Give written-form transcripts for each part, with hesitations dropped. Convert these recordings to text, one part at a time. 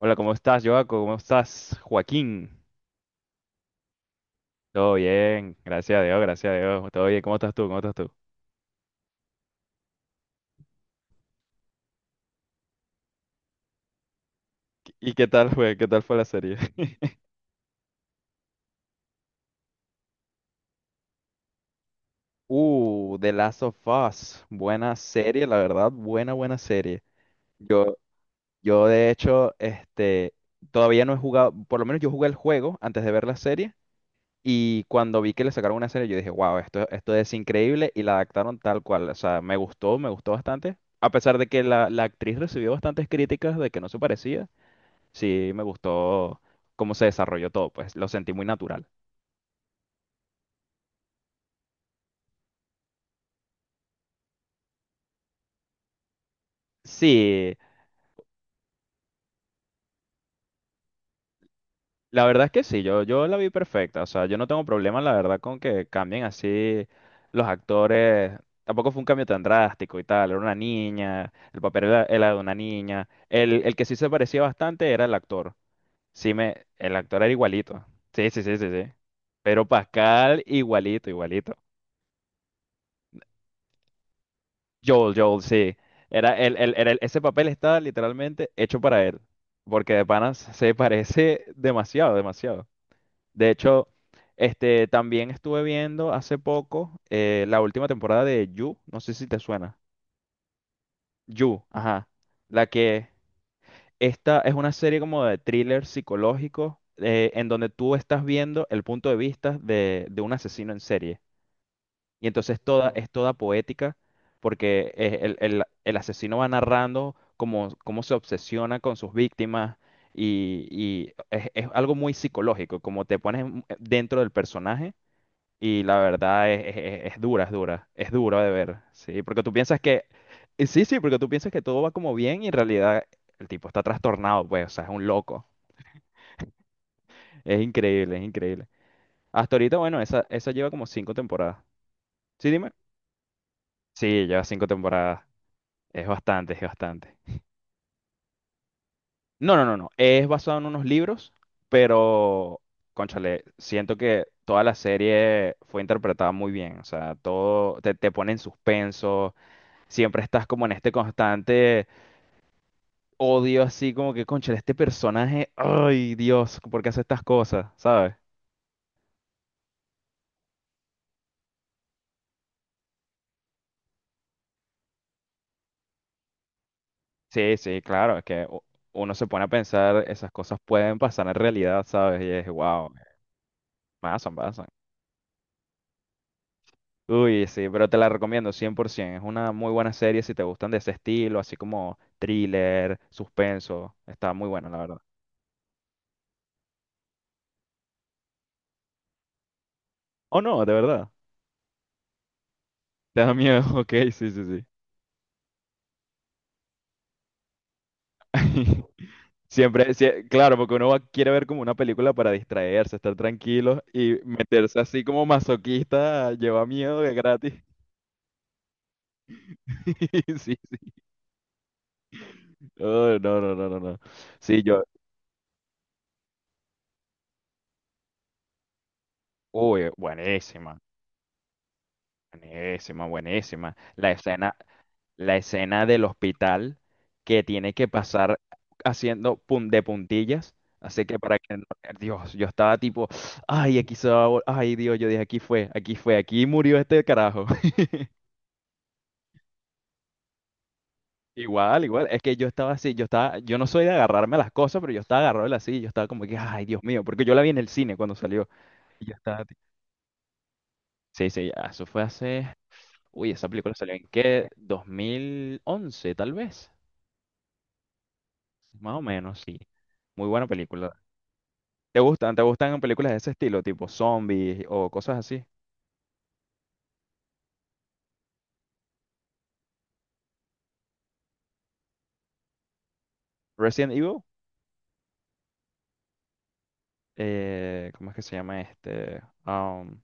Hola, ¿cómo estás, Joaco? ¿Cómo estás, Joaquín? Todo bien, gracias a Dios, gracias a Dios. Todo bien, ¿cómo estás tú? ¿Cómo estás tú? ¿Y qué tal fue? ¿Qué tal fue la serie? The Last of Us. Buena serie, la verdad, buena, buena serie. Yo, yo de hecho, todavía no he jugado, por lo menos yo jugué el juego antes de ver la serie. Y cuando vi que le sacaron una serie, yo dije, wow, esto es increíble y la adaptaron tal cual. O sea, me gustó bastante. A pesar de que la actriz recibió bastantes críticas de que no se parecía. Sí, me gustó cómo se desarrolló todo, pues lo sentí muy natural. Sí, la verdad es que sí, yo la vi perfecta, o sea, yo no tengo problema, la verdad, con que cambien así los actores. Tampoco fue un cambio tan drástico y tal, era una niña, el papel era de una niña. El que sí se parecía bastante era el actor. Sí, me, el actor era igualito. Sí, sí, sí, sí, sí. Pero Pascal, igualito, igualito. Joel, Joel, sí. Era el- era el- Ese papel está literalmente hecho para él, porque de panas se parece demasiado, demasiado. De hecho, también estuve viendo hace poco la última temporada de You, no sé si te suena. You, ajá. La que Esta es una serie como de thriller psicológico en donde tú estás viendo el punto de vista de un asesino en serie. Y entonces es toda poética, porque el asesino va narrando cómo, cómo se obsesiona con sus víctimas y es algo muy psicológico, como te pones en- dentro del personaje y la verdad es dura, es dura, es duro de ver, sí, porque tú piensas que, sí, sí, porque tú piensas que todo va como bien y en realidad el tipo está trastornado, pues, o sea, es un loco, es increíble, es increíble. Hasta ahorita, bueno, esa lleva como cinco temporadas. Sí, dime. Sí, lleva cinco temporadas. Es bastante, es bastante. No, no, no, no. Es basado en unos libros, pero cónchale, siento que toda la serie fue interpretada muy bien. O sea, todo te, te pone en suspenso. Siempre estás como en este constante odio, así como que, cónchale, este personaje, ay, Dios, ¿por qué hace estas cosas? ¿Sabes? Sí, sí, claro, es que uno se pone a pensar, esas cosas pueden pasar en realidad, ¿sabes? Y es, wow, pasan, pasan. Uy, sí, pero te la recomiendo 100%. Es una muy buena serie si te gustan de ese estilo, así como thriller, suspenso. Está muy buena, la verdad. Oh, no, de verdad. Te da miedo. Ok, sí, sí, sí. Siempre, sie- claro, porque uno va- quiere ver como una película para distraerse, estar tranquilo y meterse así como masoquista lleva miedo de gratis. Sí, sí. Oh, no, no, no, no, no. Sí, yo. Uy, buenísima. Buenísima, buenísima. La escena del hospital que tiene que pasar haciendo de puntillas. Así que para que Dios, yo estaba tipo, ay, aquí se va, a ay, Dios, yo dije, aquí fue, aquí fue, aquí murió este carajo. Igual, igual, es que yo estaba así, yo estaba, yo no soy de agarrarme a las cosas, pero yo estaba agarrado de la silla, yo estaba como que, ay, Dios mío, porque yo la vi en el cine cuando salió. Y yo estaba, sí, sí, eso fue hace, uy, esa película salió en qué, 2011 tal vez. Más o menos, sí. Muy buena película. ¿Te gustan? ¿Te gustan películas de ese estilo, tipo zombies o cosas así? Resident Evil, ¿cómo es que se llama este? Um,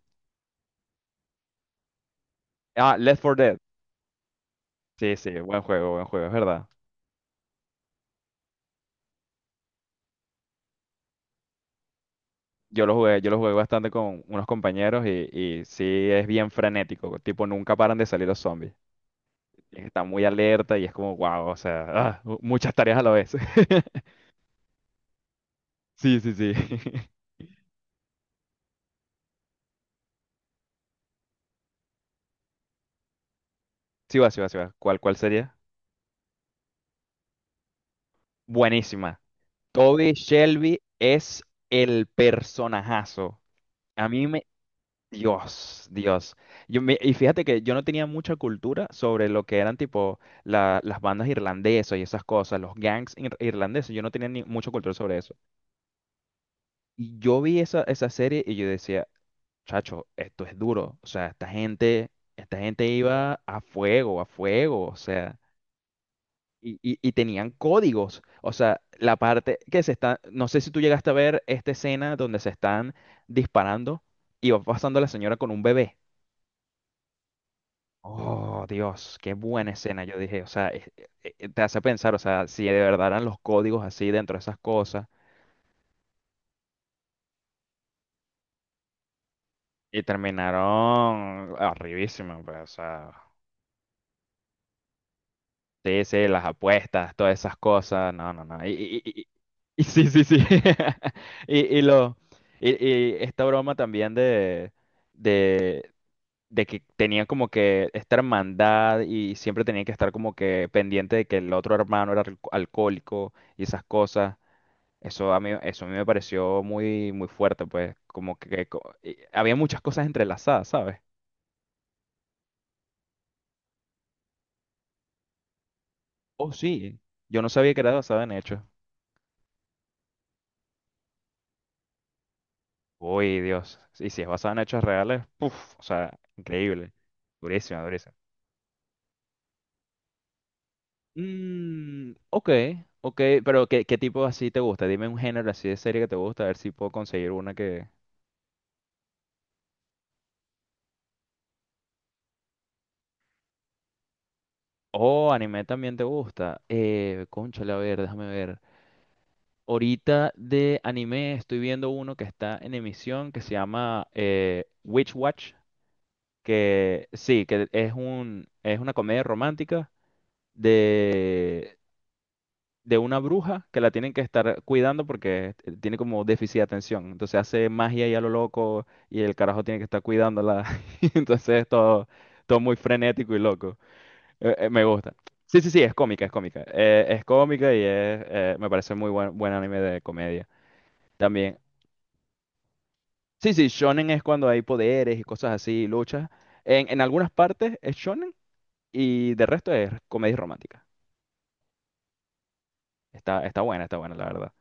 ah, Left 4 Dead. Sí, sí, buen juego, es verdad. Yo lo jugué bastante con unos compañeros y sí es bien frenético, tipo nunca paran de salir los zombies. Está muy alerta y es como, wow, o sea, ah, mu- muchas tareas a la vez. Sí, sí, sí. Sí va, sí va, sí va. ¿Cuál, cuál sería? Buenísima. Toby Shelby es el personajazo. A mí me... Dios, Dios. Y fíjate que yo no tenía mucha cultura sobre lo que eran tipo las bandas irlandesas y esas cosas, los gangs irlandeses. Yo no tenía ni mucha cultura sobre eso. Y yo vi esa, esa serie y yo decía, chacho, esto es duro. O sea, esta gente iba a fuego, a fuego. O sea... y tenían códigos. O sea, la parte que se está. No sé si tú llegaste a ver esta escena donde se están disparando y va pasando la señora con un bebé. Oh, Dios, qué buena escena. Yo dije, o sea, te hace pensar, o sea, si de verdad eran los códigos así dentro de esas cosas. Y terminaron arribísimo, pues, o sea. Sí, sí, las apuestas, todas esas cosas. No, no, no. Y sí, sí, sí. Y, y lo. Y esta broma también de, de que tenía como que esta hermandad y siempre tenía que estar como que pendiente de que el otro hermano era alcohólico y esas cosas. Eso a mí me pareció muy, muy fuerte, pues. Como que, y había muchas cosas entrelazadas, ¿sabes? Oh, sí. Yo no sabía que era basado en hechos. Uy, Dios. Y si es basado en hechos reales, puf, o sea, increíble. Durísima, durísima. Mm, ok, ok, pero ¿qué, qué tipo así te gusta? Dime un género así de serie que te gusta, a ver si puedo conseguir una que... Oh, anime también te gusta. Cónchale, a ver, déjame ver. Ahorita de anime estoy viendo uno que está en emisión que se llama Witch Watch, que sí, que es es una comedia romántica de de una bruja que la tienen que estar cuidando porque tiene como déficit de atención. Entonces hace magia y a lo loco y el carajo tiene que estar cuidándola. Y entonces es todo, todo muy frenético y loco. Me gusta. Sí, sí, sí, es cómica, es cómica. Es cómica y es, me parece muy buen, buen anime de comedia también. Sí, sí, shonen es cuando hay poderes y cosas así, luchas. En algunas partes es shonen y de resto es comedia romántica. Está, está buena, la verdad.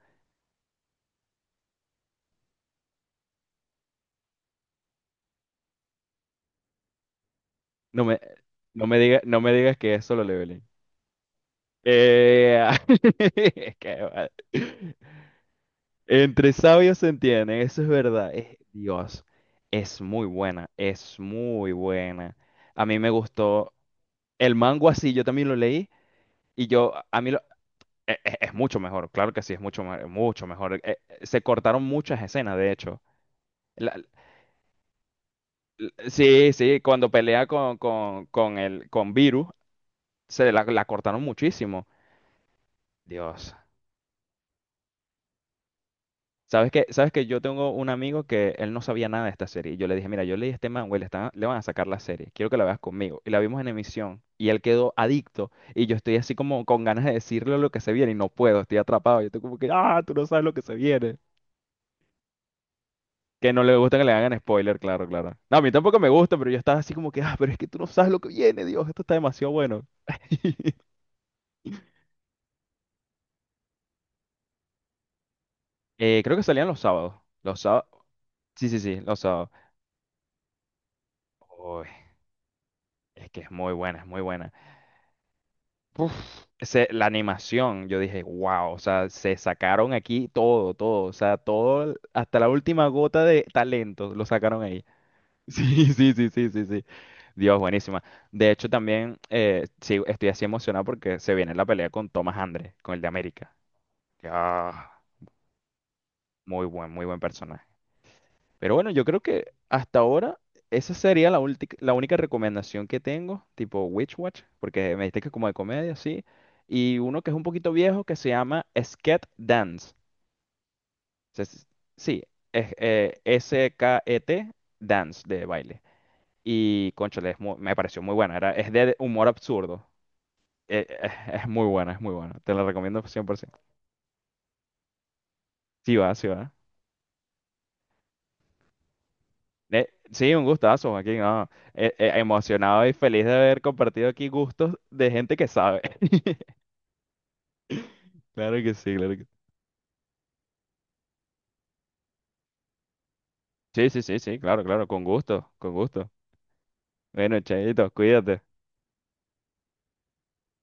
No me, no me digas que es Solo Leveling. Eh, qué mal. Entre sabios se entienden, eso es verdad. Es- Dios, es muy buena, es muy buena. A mí me gustó el mango así, yo también lo leí y yo, a mí lo- e- e- es, mucho mejor, claro que sí, es mucho, mucho mejor. Se cortaron muchas escenas, de hecho. La- sí, sí, cuando pelea con el, con Virus, la cortaron muchísimo. Dios. Sabes que yo tengo un amigo que él no sabía nada de esta serie. Y yo le dije, mira, yo leí a este man, güey, le van a sacar la serie. Quiero que la veas conmigo. Y la vimos en emisión. Y él quedó adicto. Y yo estoy así como con ganas de decirle lo que se viene. Y no puedo, estoy atrapado. Yo estoy como que, ah, tú no sabes lo que se viene. Que no le gusta que le hagan spoiler, claro, claro. No, a mí tampoco me gusta, pero yo estaba así como que, ah, pero es que tú no sabes lo que viene, Dios, esto está demasiado bueno. Creo que salían los sábados. Los sábados. Sí, sí, sí, los sábados. Uy, es que es muy buena, es muy buena. Uf, ese- la animación, yo dije, wow, o sea, se sacaron aquí todo, todo, o sea, todo, hasta la última gota de talento lo sacaron ahí. Sí, sí, sí, sí, sí, sí. Dios, buenísima. De hecho, también sí, estoy así emocionado porque se viene la pelea con Thomas Andre, con el de América. Ya, muy buen personaje. Pero bueno, yo creo que hasta ahora esa sería la, la única recomendación que tengo, tipo Witch Watch, porque me dijiste que como de comedia, sí. Y uno que es un poquito viejo que se llama Sket Dance. Se- se- Sí, es, S-K-E-T Dance de baile. Y cónchale, me pareció muy buena. Es de humor absurdo. Es muy buena, es muy buena. Te la recomiendo 100%. Sí va, sí va. Sí, un gustazo, Joaquín. Ah. Emocionado y feliz de haber compartido aquí gustos de gente que sabe. Claro que sí, claro que sí. Sí, sí, sí, sí, claro, claro, con gusto, con gusto. Bueno, chaito, cuídate.